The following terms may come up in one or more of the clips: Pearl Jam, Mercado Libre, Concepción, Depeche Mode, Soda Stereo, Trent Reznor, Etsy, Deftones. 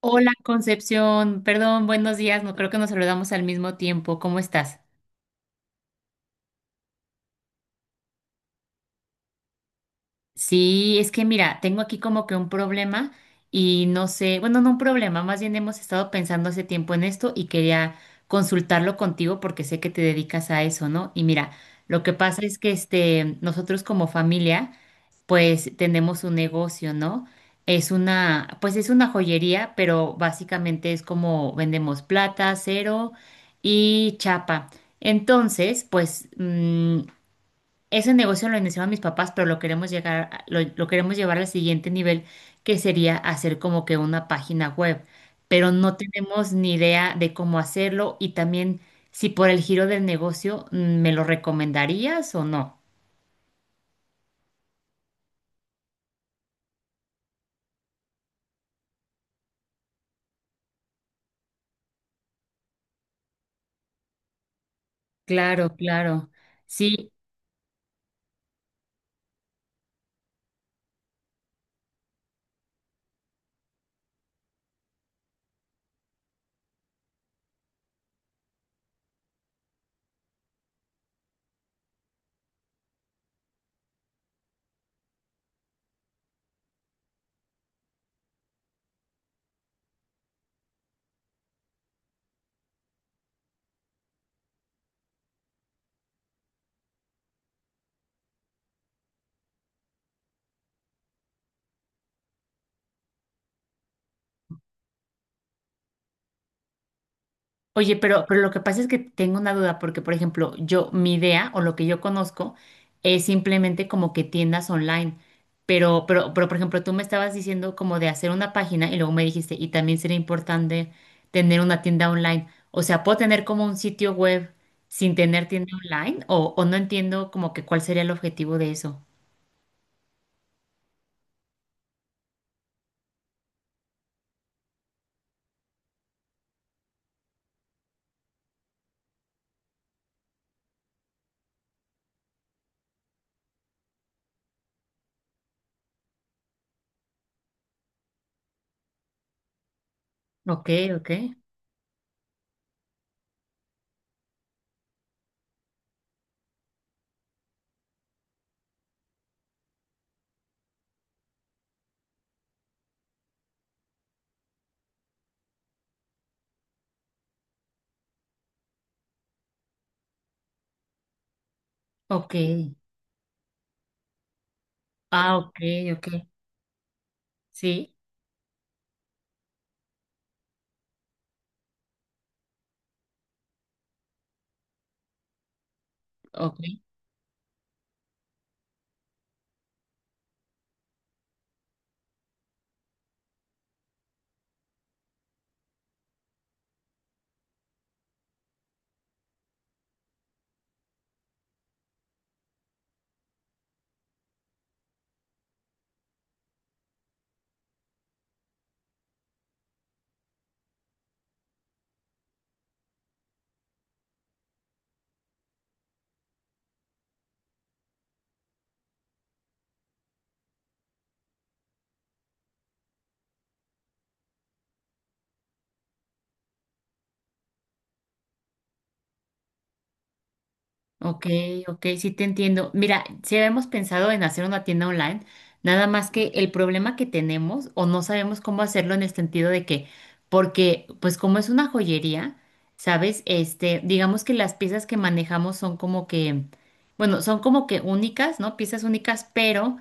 Hola Concepción, perdón, buenos días, no creo que nos saludamos al mismo tiempo, ¿cómo estás? Sí, es que mira, tengo aquí como que un problema y no sé, bueno, no un problema, más bien hemos estado pensando hace tiempo en esto y quería consultarlo contigo porque sé que te dedicas a eso, ¿no? Y mira, lo que pasa es que nosotros como familia pues tenemos un negocio, ¿no? Pues es una joyería, pero básicamente es como vendemos plata, cero y chapa. Entonces, pues ese negocio lo iniciaron mis papás, pero lo queremos llegar, a- lo queremos llevar al siguiente nivel, que sería hacer como que una página web. Pero no tenemos ni idea de cómo hacerlo y también si por el giro del negocio, ¿me lo recomendarías o no? Claro, claro. Sí. Oye, pero, lo que pasa es que tengo una duda, porque por ejemplo, yo, mi idea o lo que yo conozco es simplemente como que tiendas online. Pero por ejemplo, tú me estabas diciendo como de hacer una página y luego me dijiste, y también sería importante tener una tienda online. O sea, ¿puedo tener como un sitio web sin tener tienda online? O no entiendo como que cuál sería el objetivo de eso. Ok, ok, ok. Ah, ok, ok. Sí, ok. Ok, ok, sí te entiendo. Mira, si habíamos pensado en hacer una tienda online, nada más que el problema que tenemos o no sabemos cómo hacerlo en el sentido de que, porque pues como es una joyería, ¿sabes? Digamos que las piezas que manejamos son como que, bueno, son como que únicas, ¿no? Piezas únicas, pero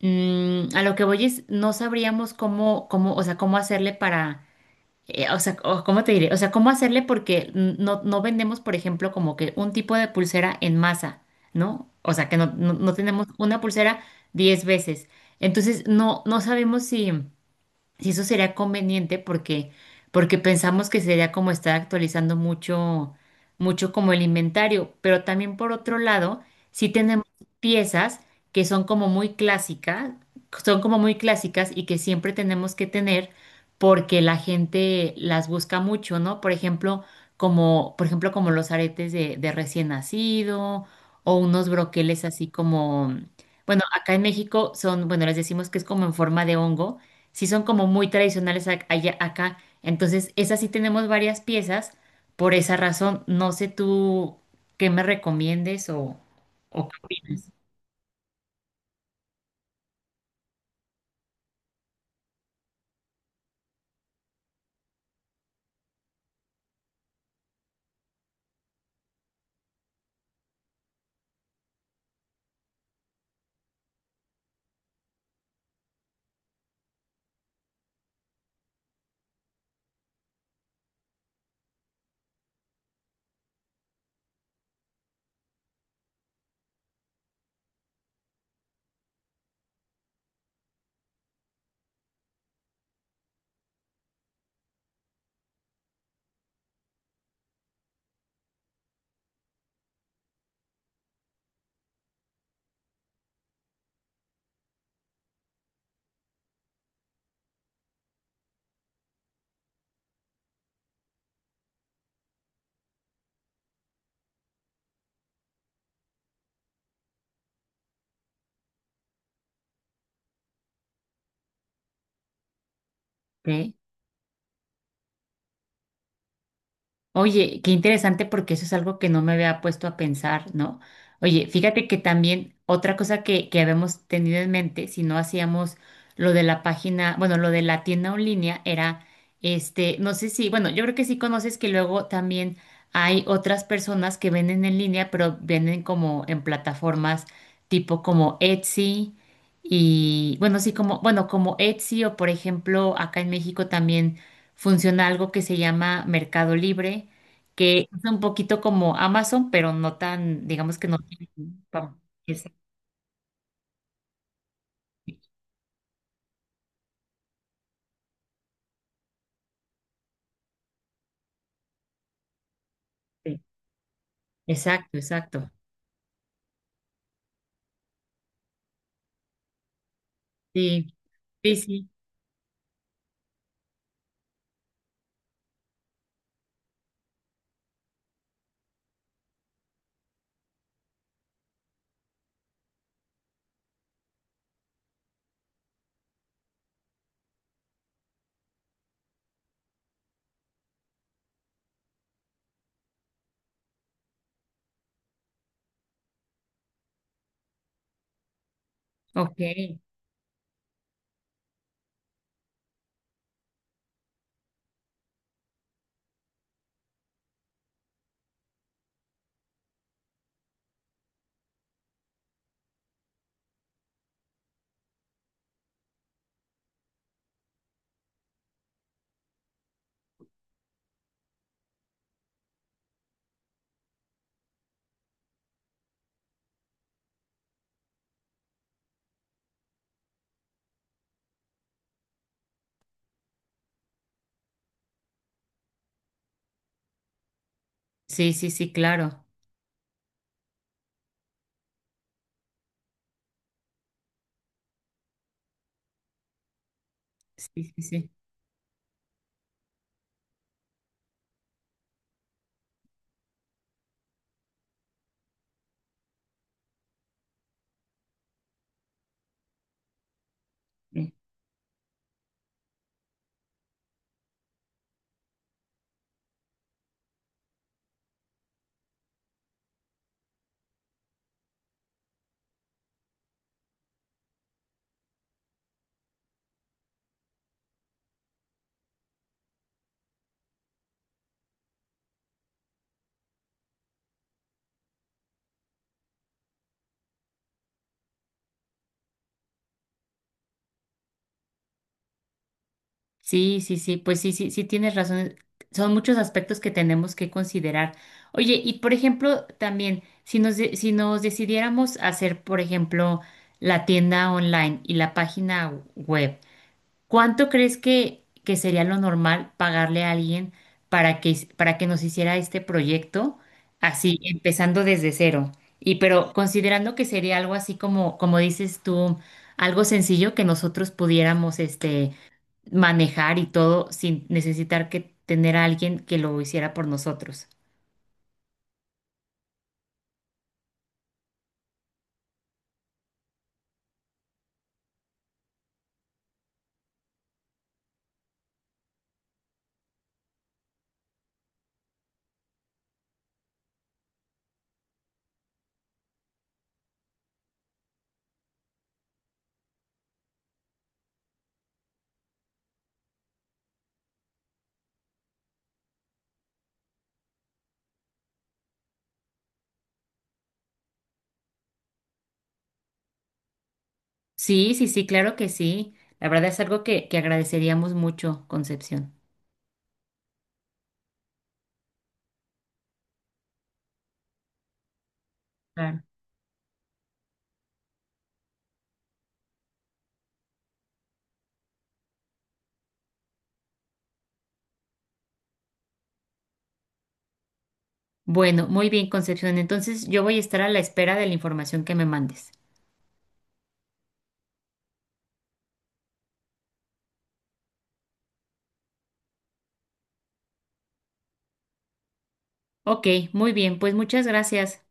a lo que voy es, no sabríamos o sea, cómo hacerle o sea, ¿cómo te diré? O sea, ¿cómo hacerle? Porque no vendemos, por ejemplo, como que un tipo de pulsera en masa, ¿no? O sea, que no tenemos una pulsera 10 veces. Entonces, no sabemos si. Y eso sería conveniente porque, pensamos que sería como estar actualizando mucho, mucho como el inventario, pero también por otro lado, sí tenemos piezas que son como muy clásicas, son como muy clásicas y que siempre tenemos que tener porque la gente las busca mucho, ¿no? Por ejemplo, como los aretes de recién nacido o unos broqueles así como, bueno, acá en México son, bueno, les decimos que es como en forma de hongo. Sí son como muy tradicionales acá. Entonces, esas sí tenemos varias piezas. Por esa razón, no sé tú qué me recomiendes o qué opinas. ¿Ok? Oye, qué interesante porque eso es algo que no me había puesto a pensar, ¿no? Oye, fíjate que también otra cosa que habíamos tenido en mente, si no hacíamos lo de la página, bueno, lo de la tienda en línea era, no sé si, bueno, yo creo que sí conoces que luego también hay otras personas que venden en línea, pero venden como en plataformas tipo como Etsy y, bueno, sí, como, bueno, como Etsy o por ejemplo acá en México también funciona algo que se llama Mercado Libre, que es un poquito como Amazon, pero no tan, digamos que no tiene. pa- Exacto, exacto, exacto. Sí, sí, sí. Ok. Sí, sí, sí, claro. Sí, sí, sí. Sí, sí, sí, sí, pues sí, sí, sí tienes razón. Son muchos aspectos que tenemos que considerar. Oye, y por ejemplo, también, si nos decidiéramos hacer, por ejemplo, la tienda online y la página web, ¿cuánto crees que sería lo normal pagarle a alguien para que nos hiciera este proyecto así, empezando desde cero? Y pero considerando que sería algo así como dices tú, algo sencillo que nosotros pudiéramos manejar y todo sin necesitar que tener a alguien que lo hiciera por nosotros. Sí, sí, sí, claro que sí. La verdad es algo que agradeceríamos mucho, Concepción. Claro. Bueno, muy bien, Concepción. Entonces yo voy a estar a la espera de la información que me mandes. Ok, muy bien, pues muchas gracias.